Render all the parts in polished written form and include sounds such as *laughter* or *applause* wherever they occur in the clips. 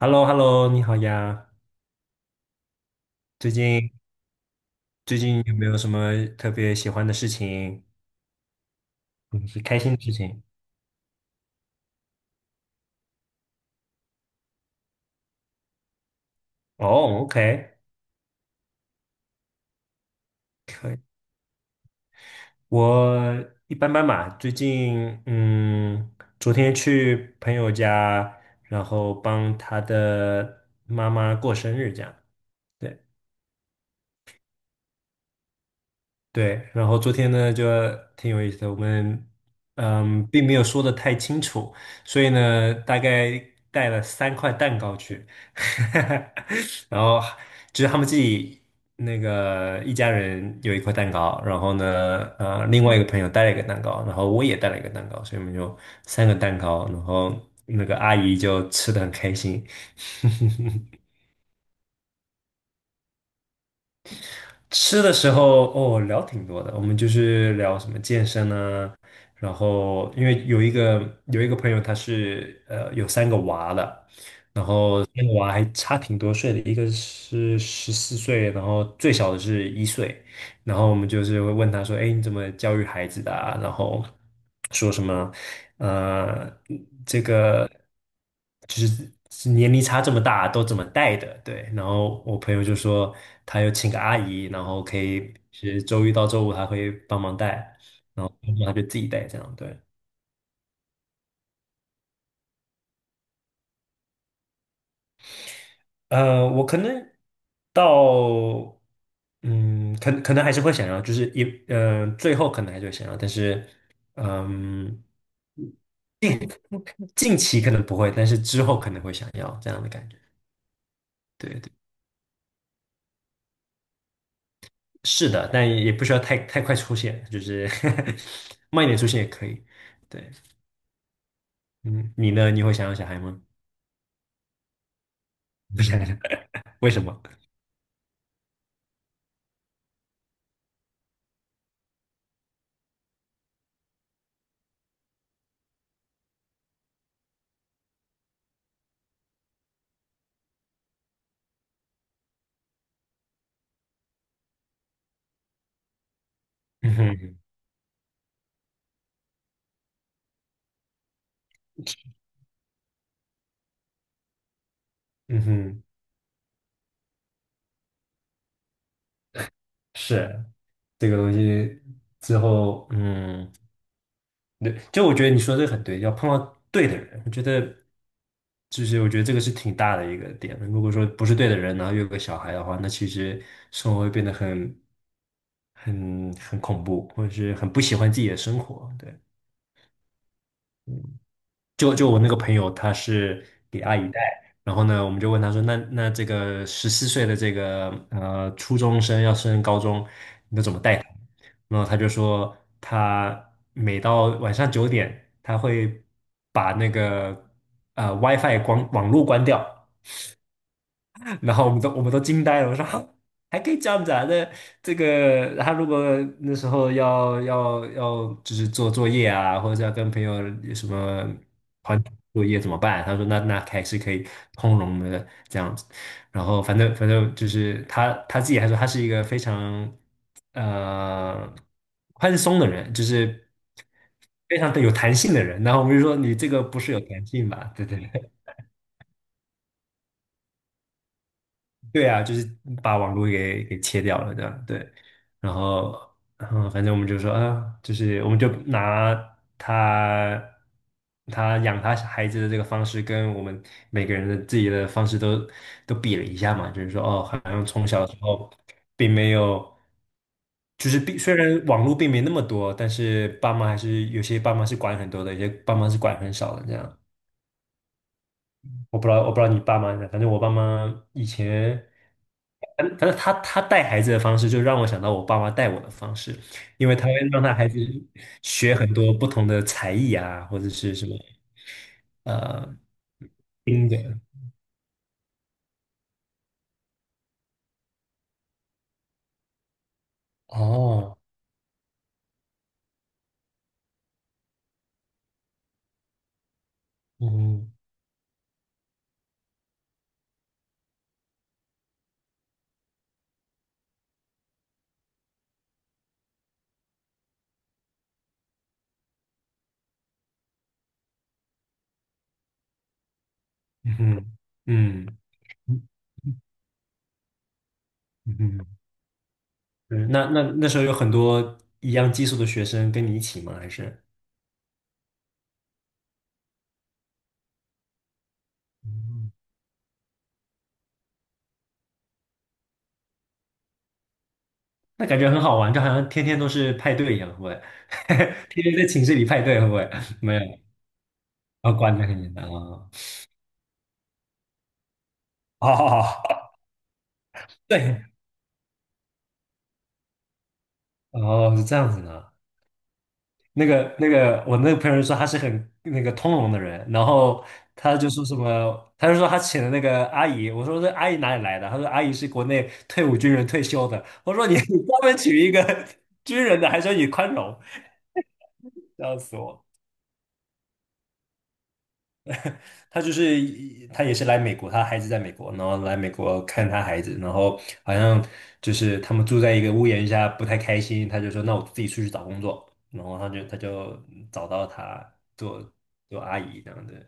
H e l l o h e l l o, 你好呀！最近最近有没有什么特别喜欢的事情，嗯，是开心的事情？哦，OK，可以。我一般般吧。最近，昨天去朋友家，然后帮他的妈妈过生日，这样。对。对，然后昨天呢就挺有意思的，我们并没有说的太清楚，所以呢大概带了3块蛋糕去，*laughs* 然后就是他们自己那个一家人有一块蛋糕，然后呢另外一个朋友带了一个蛋糕，然后我也带了一个蛋糕，所以我们就三个蛋糕，然后那个阿姨就吃的很开心。*laughs* 吃的时候哦，聊挺多的，我们就是聊什么健身啊，然后因为有一个朋友他是有三个娃的，然后三个娃还差挺多岁的，一个是十四岁，然后最小的是1岁，然后我们就是会问他说：“哎，你怎么教育孩子的啊？”然后说什么呃，这个就是年龄差这么大都怎么带的？对。然后我朋友就说他有请个阿姨，然后可以是周一到周五他会帮忙带，然后他就自己带这样。对，我可能到。嗯，可能还是会想要，就是最后可能还是会想要，但是，嗯。近近期可能不会，但是之后可能会想要这样的感觉。对对，是的，但也不需要太快出现，就是 *laughs* 慢一点出现也可以。对，嗯，你呢？你会想要小孩吗？为什么？*laughs* 嗯哼，嗯哼，是这个东西之后，嗯。对，就我觉得你说这个很对，要碰到对的人，我觉得就是我觉得这个是挺大的一个点。如果说不是对的人，然后又有个小孩的话，那其实生活会变得很恐怖，或者是很不喜欢自己的生活。对。就我那个朋友，他是给阿姨带，然后呢，我们就问他说，那这个十四岁的这个初中生要升高中，你都怎么带他？然后他就说，他每到晚上9点，他会把那个WiFi 光网络关掉，然后我们都惊呆了，我说哈 *laughs* 还可以这样子啊？那这个他如果那时候要就是做作业啊，或者是要跟朋友有什么团体作业怎么办？他说那还是可以通融的这样子。然后反正就是他自己还说他是一个非常呃宽松的人，就是非常的有弹性的人。然后我们就说你这个不是有弹性吧？对对对啊，就是把网络给切掉了这样，对。然后，反正我们就说啊，就是我们就拿他他养他孩子的这个方式，跟我们每个人的自己的方式都比了一下嘛，就是说哦，好像从小的时候并没有，就是虽然网络并没那么多，但是爸妈还是有些爸妈是管很多的，有些爸妈是管很少的这样。我不知道你爸妈，反正我爸妈以前，反正他带孩子的方式，就让我想到我爸妈带我的方式，因为他会让他孩子学很多不同的才艺啊，或者是什么呃冰的哦，嗯嗯嗯嗯嗯，嗯，那时候有很多一样技术的学生跟你一起吗？还是？嗯，那感觉很好玩，就好像天天都是派对一样，会不会？*laughs* 天天在寝室里派对，会不会？*laughs* 没有，然后关的很简单啊。哦，*laughs* 对，哦，是这样子的。那个,我那个朋友说他是很那个通融的人，然后他就说什么，他就说他请的那个阿姨，我说这阿姨哪里来的？他说阿姨是国内退伍军人退休的。我说你专门娶一个 *laughs* 军人的，还说你宽容，笑死我。他就是他也是来美国，他孩子在美国，然后来美国看他孩子，然后好像就是他们住在一个屋檐下，不太开心，他就说那我自己出去找工作，然后他就找到他做阿姨这样子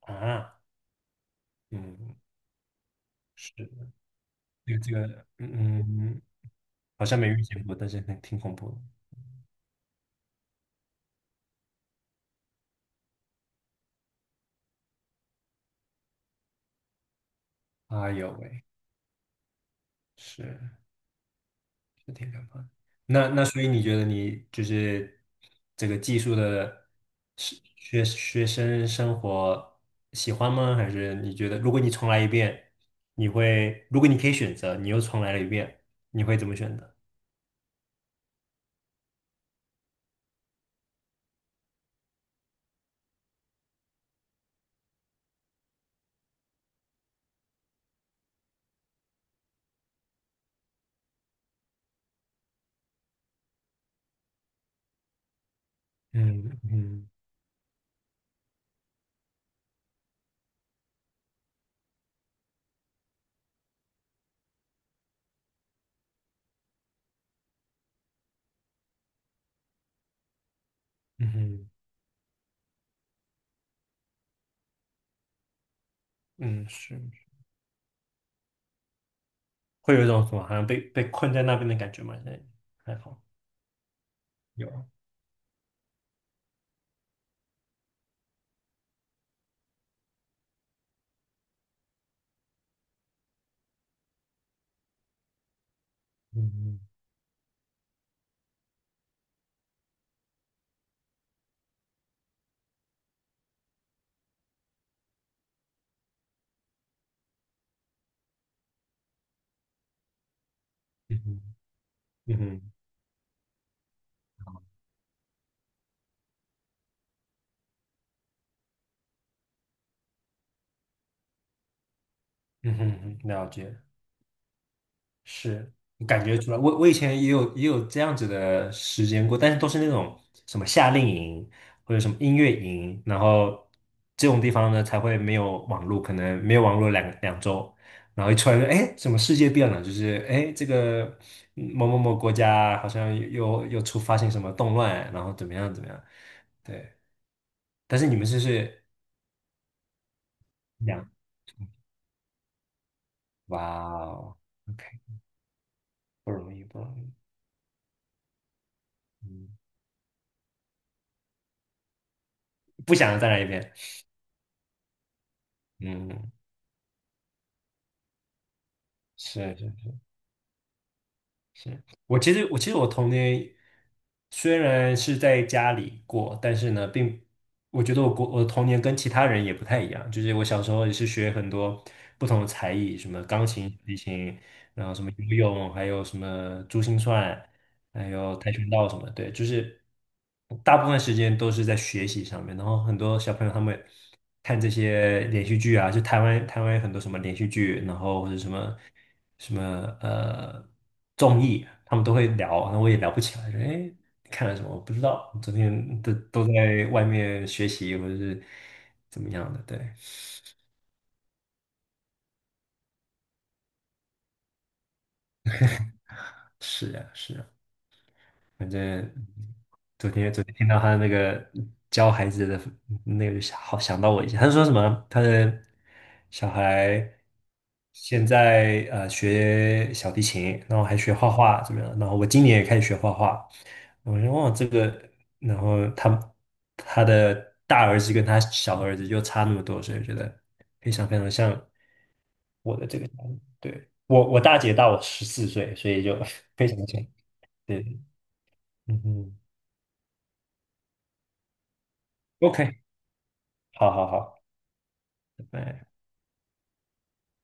啊，嗯，是这个，嗯，嗯，好像没遇见过，但是很挺恐怖的，哎呦喂，是。四天两的。那所以你觉得你就是这个技术的是学生活喜欢吗？还是你觉得如果你重来一遍，你会如果你可以选择，你又重来了一遍，你会怎么选择？嗯嗯嗯哼嗯，是会有一种什么好像被困在那边的感觉吗？现在还好有，嗯嗯嗯嗯嗯哼嗯哼嗯哼了解。是，我感觉出来。我以前也有这样子的时间过，但是都是那种什么夏令营或者什么音乐营，然后这种地方呢才会没有网络，可能没有网络两周，然后一出来就哎，什么世界变了，就是哎这个某某某国家好像又发生什么动乱，然后怎么样怎么样，对。但是你们就是两，哇哦，OK，不容易不容易，嗯，不想再来一遍，嗯。是是是，我其实我童年虽然是在家里过，但是呢，我觉得我过我的童年跟其他人也不太一样，就是我小时候也是学很多不同的才艺，什么钢琴、小提琴，然后什么游泳，还有什么珠心算，还有跆拳道什么的对，就是大部分时间都是在学习上面。然后很多小朋友他们看这些连续剧啊，就台湾有很多什么连续剧，然后或者什么呃综艺，他们都会聊，那我也聊不起来，说哎你看了什么？我不知道，昨天都在外面学习或者是怎么样的，对，是啊，是啊。反正昨天听到他那个教孩子的那个，好想到我一下。他说什么？他的小孩现在学小提琴，然后还学画画，怎么样？然后我今年也开始学画画。我说哇，这个，然后他的大儿子跟他小儿子就差那么多，所以我觉得非常非常像我的这个小孩。对，我大姐大我十四岁，所以就 *laughs* 非常像。对，嗯嗯 OK，好好好，拜拜。